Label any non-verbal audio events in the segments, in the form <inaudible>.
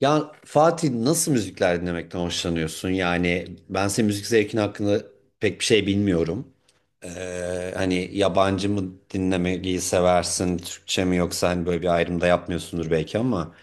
Ya Fatih nasıl müzikler dinlemekten hoşlanıyorsun? Yani ben senin müzik zevkin hakkında pek bir şey bilmiyorum. Hani yabancı mı dinlemeyi seversin, Türkçe mi, yoksa hani böyle bir ayrım da yapmıyorsundur belki ama.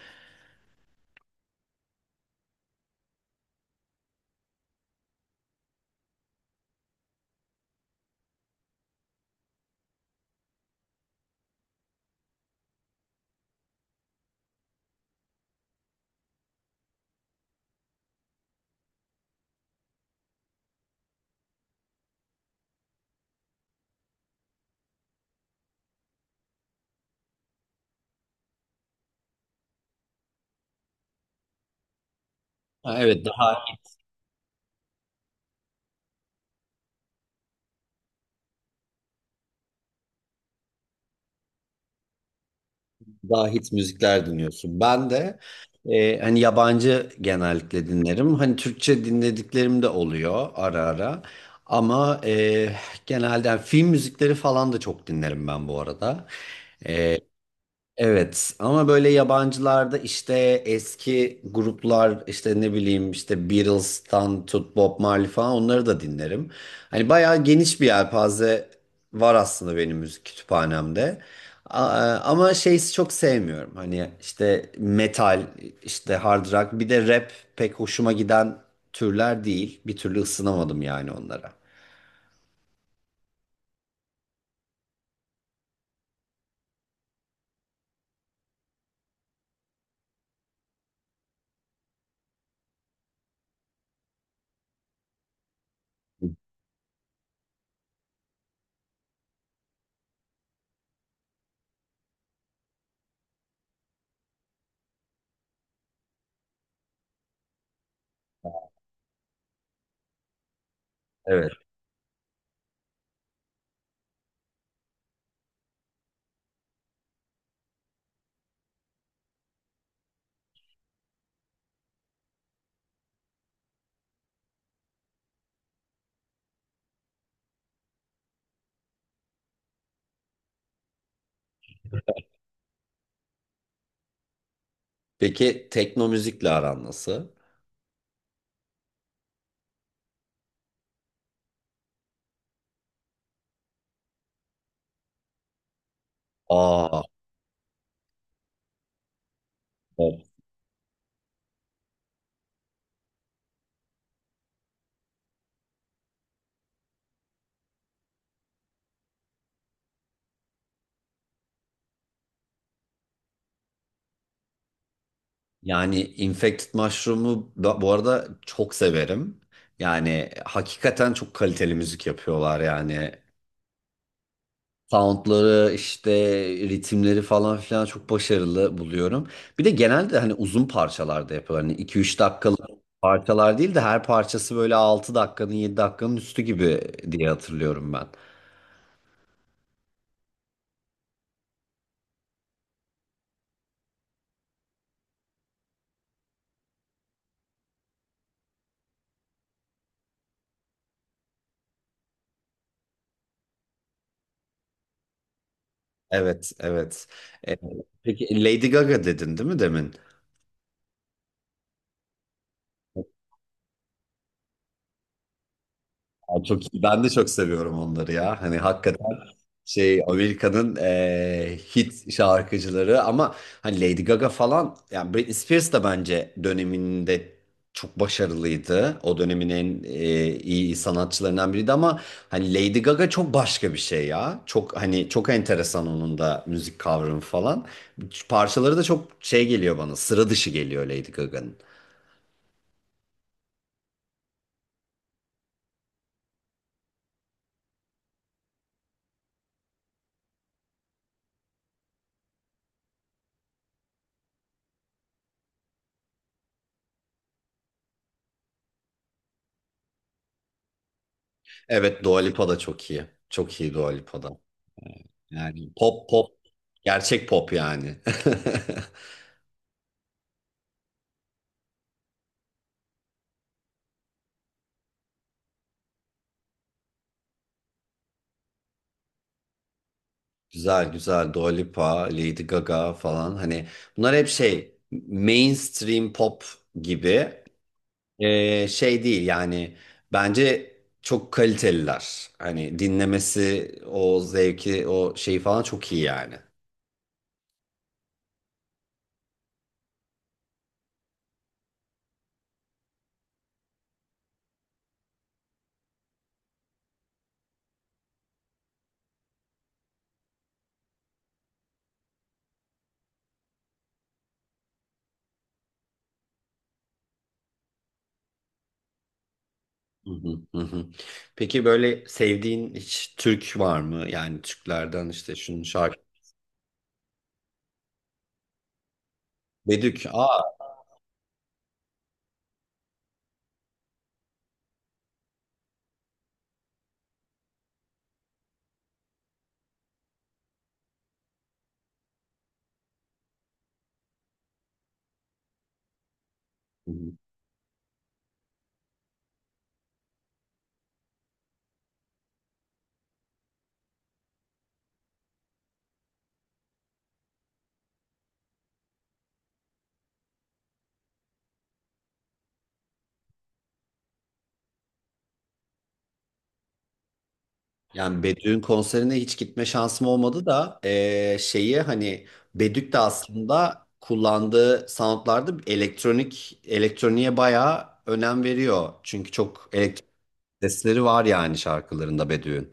Ha, evet, daha hit müzikler dinliyorsun. Ben de hani yabancı genellikle dinlerim. Hani Türkçe dinlediklerim de oluyor ara ara. Ama genelde yani film müzikleri falan da çok dinlerim ben bu arada. Evet, ama böyle yabancılarda işte eski gruplar, işte ne bileyim, işte Beatles'tan tut Bob Marley falan, onları da dinlerim. Hani bayağı geniş bir yelpaze var aslında benim müzik kütüphanemde. A- Ama şeyi çok sevmiyorum. Hani işte metal, işte hard rock, bir de rap, pek hoşuma giden türler değil. Bir türlü ısınamadım yani onlara. Evet. Peki tekno müzikle aran nasıl? Aa, yani infected mushroom'u bu arada çok severim. Yani hakikaten çok kaliteli müzik yapıyorlar yani. Soundları işte, ritimleri falan filan çok başarılı buluyorum. Bir de genelde hani uzun parçalarda yapıyorlar. Hani 2-3 dakikalık parçalar değil de, her parçası böyle 6 dakikanın, 7 dakikanın üstü gibi diye hatırlıyorum ben. Evet, evet. Peki Lady Gaga dedin değil mi demin? Aa, çok iyi. Ben de çok seviyorum onları ya. Hani hakikaten şey, Amerika'nın hit şarkıcıları, ama hani Lady Gaga falan, yani Britney Spears da bence döneminde çok başarılıydı. O dönemin en iyi sanatçılarından biriydi, ama hani Lady Gaga çok başka bir şey ya. Çok hani, çok enteresan onun da müzik kavramı falan. Parçaları da çok şey geliyor bana. Sıra dışı geliyor Lady Gaga'nın. Evet, Dua Lipa da çok iyi. Çok iyi Dua Lipa da. Yani pop pop. Gerçek pop yani. <laughs> Güzel güzel, Dua Lipa, Lady Gaga falan, hani bunlar hep şey, mainstream pop gibi. Şey değil yani, bence çok kaliteliler. Hani dinlemesi, o zevki, o şeyi falan çok iyi yani. Hı hı, hı hı. Peki böyle sevdiğin hiç Türk var mı? Yani Türklerden işte şunun şarkı. Bedük. Aa. Yani Bedü'nün konserine hiç gitme şansım olmadı da şeyi hani, Bedük de aslında kullandığı soundlarda elektroniğe bayağı önem veriyor. Çünkü çok elektronik sesleri var yani şarkılarında Bedü'nün.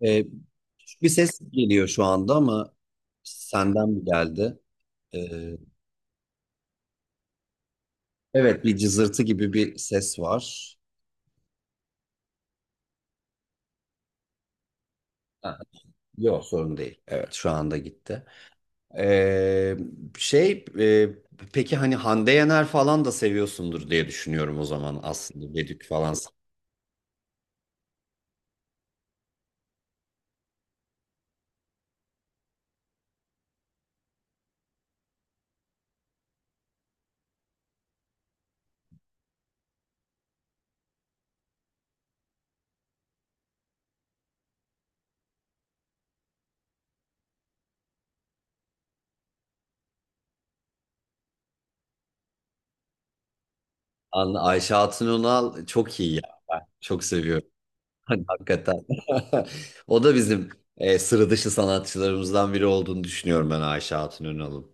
Eee, Küçük bir ses geliyor şu anda, ama senden mi geldi? Eee, evet, bir cızırtı gibi bir ses var. Ha, yok sorun değil. Evet, şu anda gitti. Ee, şey e, peki hani, Hande Yener falan da seviyorsundur diye düşünüyorum o zaman aslında, Bedük falan. Ayşe Hatun Önal çok iyi ya. Ben çok seviyorum. <laughs> Hani hakikaten. <laughs> O da bizim sıra dışı sanatçılarımızdan biri olduğunu düşünüyorum ben, Ayşe Hatun Önal'ın.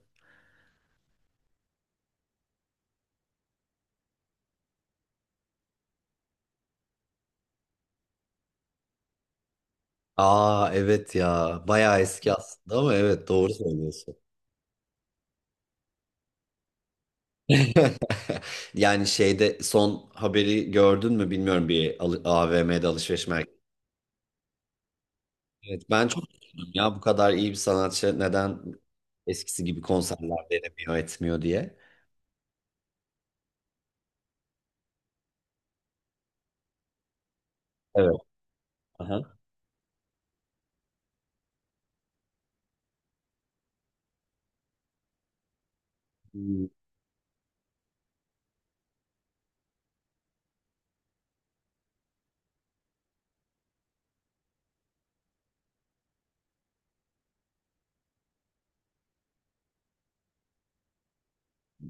Aa, evet ya, bayağı eski aslında ama evet, doğru söylüyorsun. Yani şeyde son haberi gördün mü bilmiyorum, bir AVM'de, alışveriş merkezinde. Evet, ben çok üzüldüm ya, bu kadar iyi bir sanatçı neden eskisi gibi konserler veremiyor, etmiyor diye. Evet. Aha. Hmm,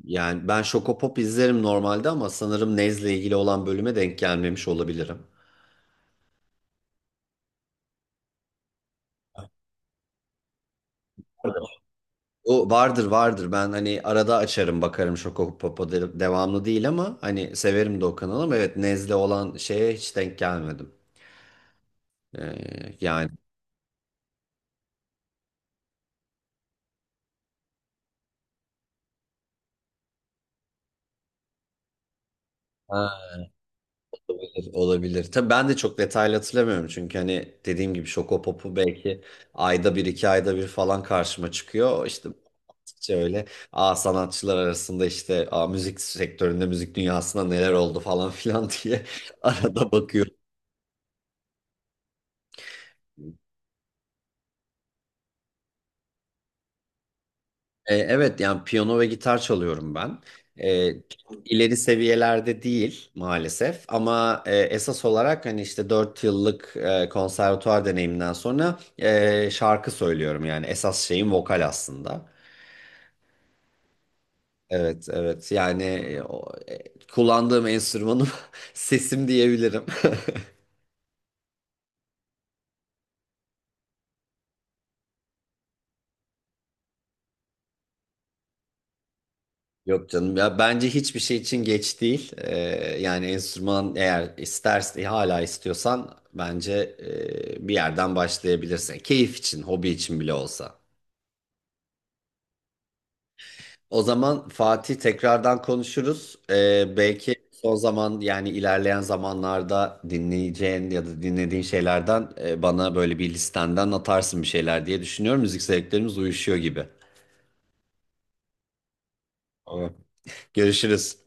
Yani ben Şokopop izlerim normalde, ama sanırım Nez'le ilgili olan bölüme denk gelmemiş olabilirim. Evet. O vardır, vardır, ben hani arada açarım, bakarım Şokopop'a, devamlı değil ama hani severim de o kanalı, ama evet, Nez'le olan şeye hiç denk gelmedim. Yani. Ha. Olabilir, olabilir. Tabii ben de çok detaylı hatırlamıyorum, çünkü hani dediğim gibi Şokopop'u belki ayda bir, iki ayda bir falan karşıma çıkıyor. İşte baktıkça öyle, sanatçılar arasında işte, müzik sektöründe, müzik dünyasında neler oldu falan filan diye <laughs> arada bakıyorum. Evet, yani piyano ve gitar çalıyorum ben. E, ileri seviyelerde değil maalesef, ama esas olarak hani işte 4 yıllık konservatuvar deneyiminden sonra şarkı söylüyorum, yani esas şeyim vokal aslında. Evet, evet, yani kullandığım enstrümanım <laughs> sesim diyebilirim. <laughs> Yok canım ya, bence hiçbir şey için geç değil. Yani enstrüman, eğer istersen, hala istiyorsan, bence bir yerden başlayabilirsin. Keyif için, hobi için bile olsa. O zaman Fatih, tekrardan konuşuruz. Belki son zaman, yani ilerleyen zamanlarda dinleyeceğin ya da dinlediğin şeylerden bana böyle bir listenden atarsın bir şeyler diye düşünüyorum. Müzik zevklerimiz uyuşuyor gibi. Tamam. Görüşürüz.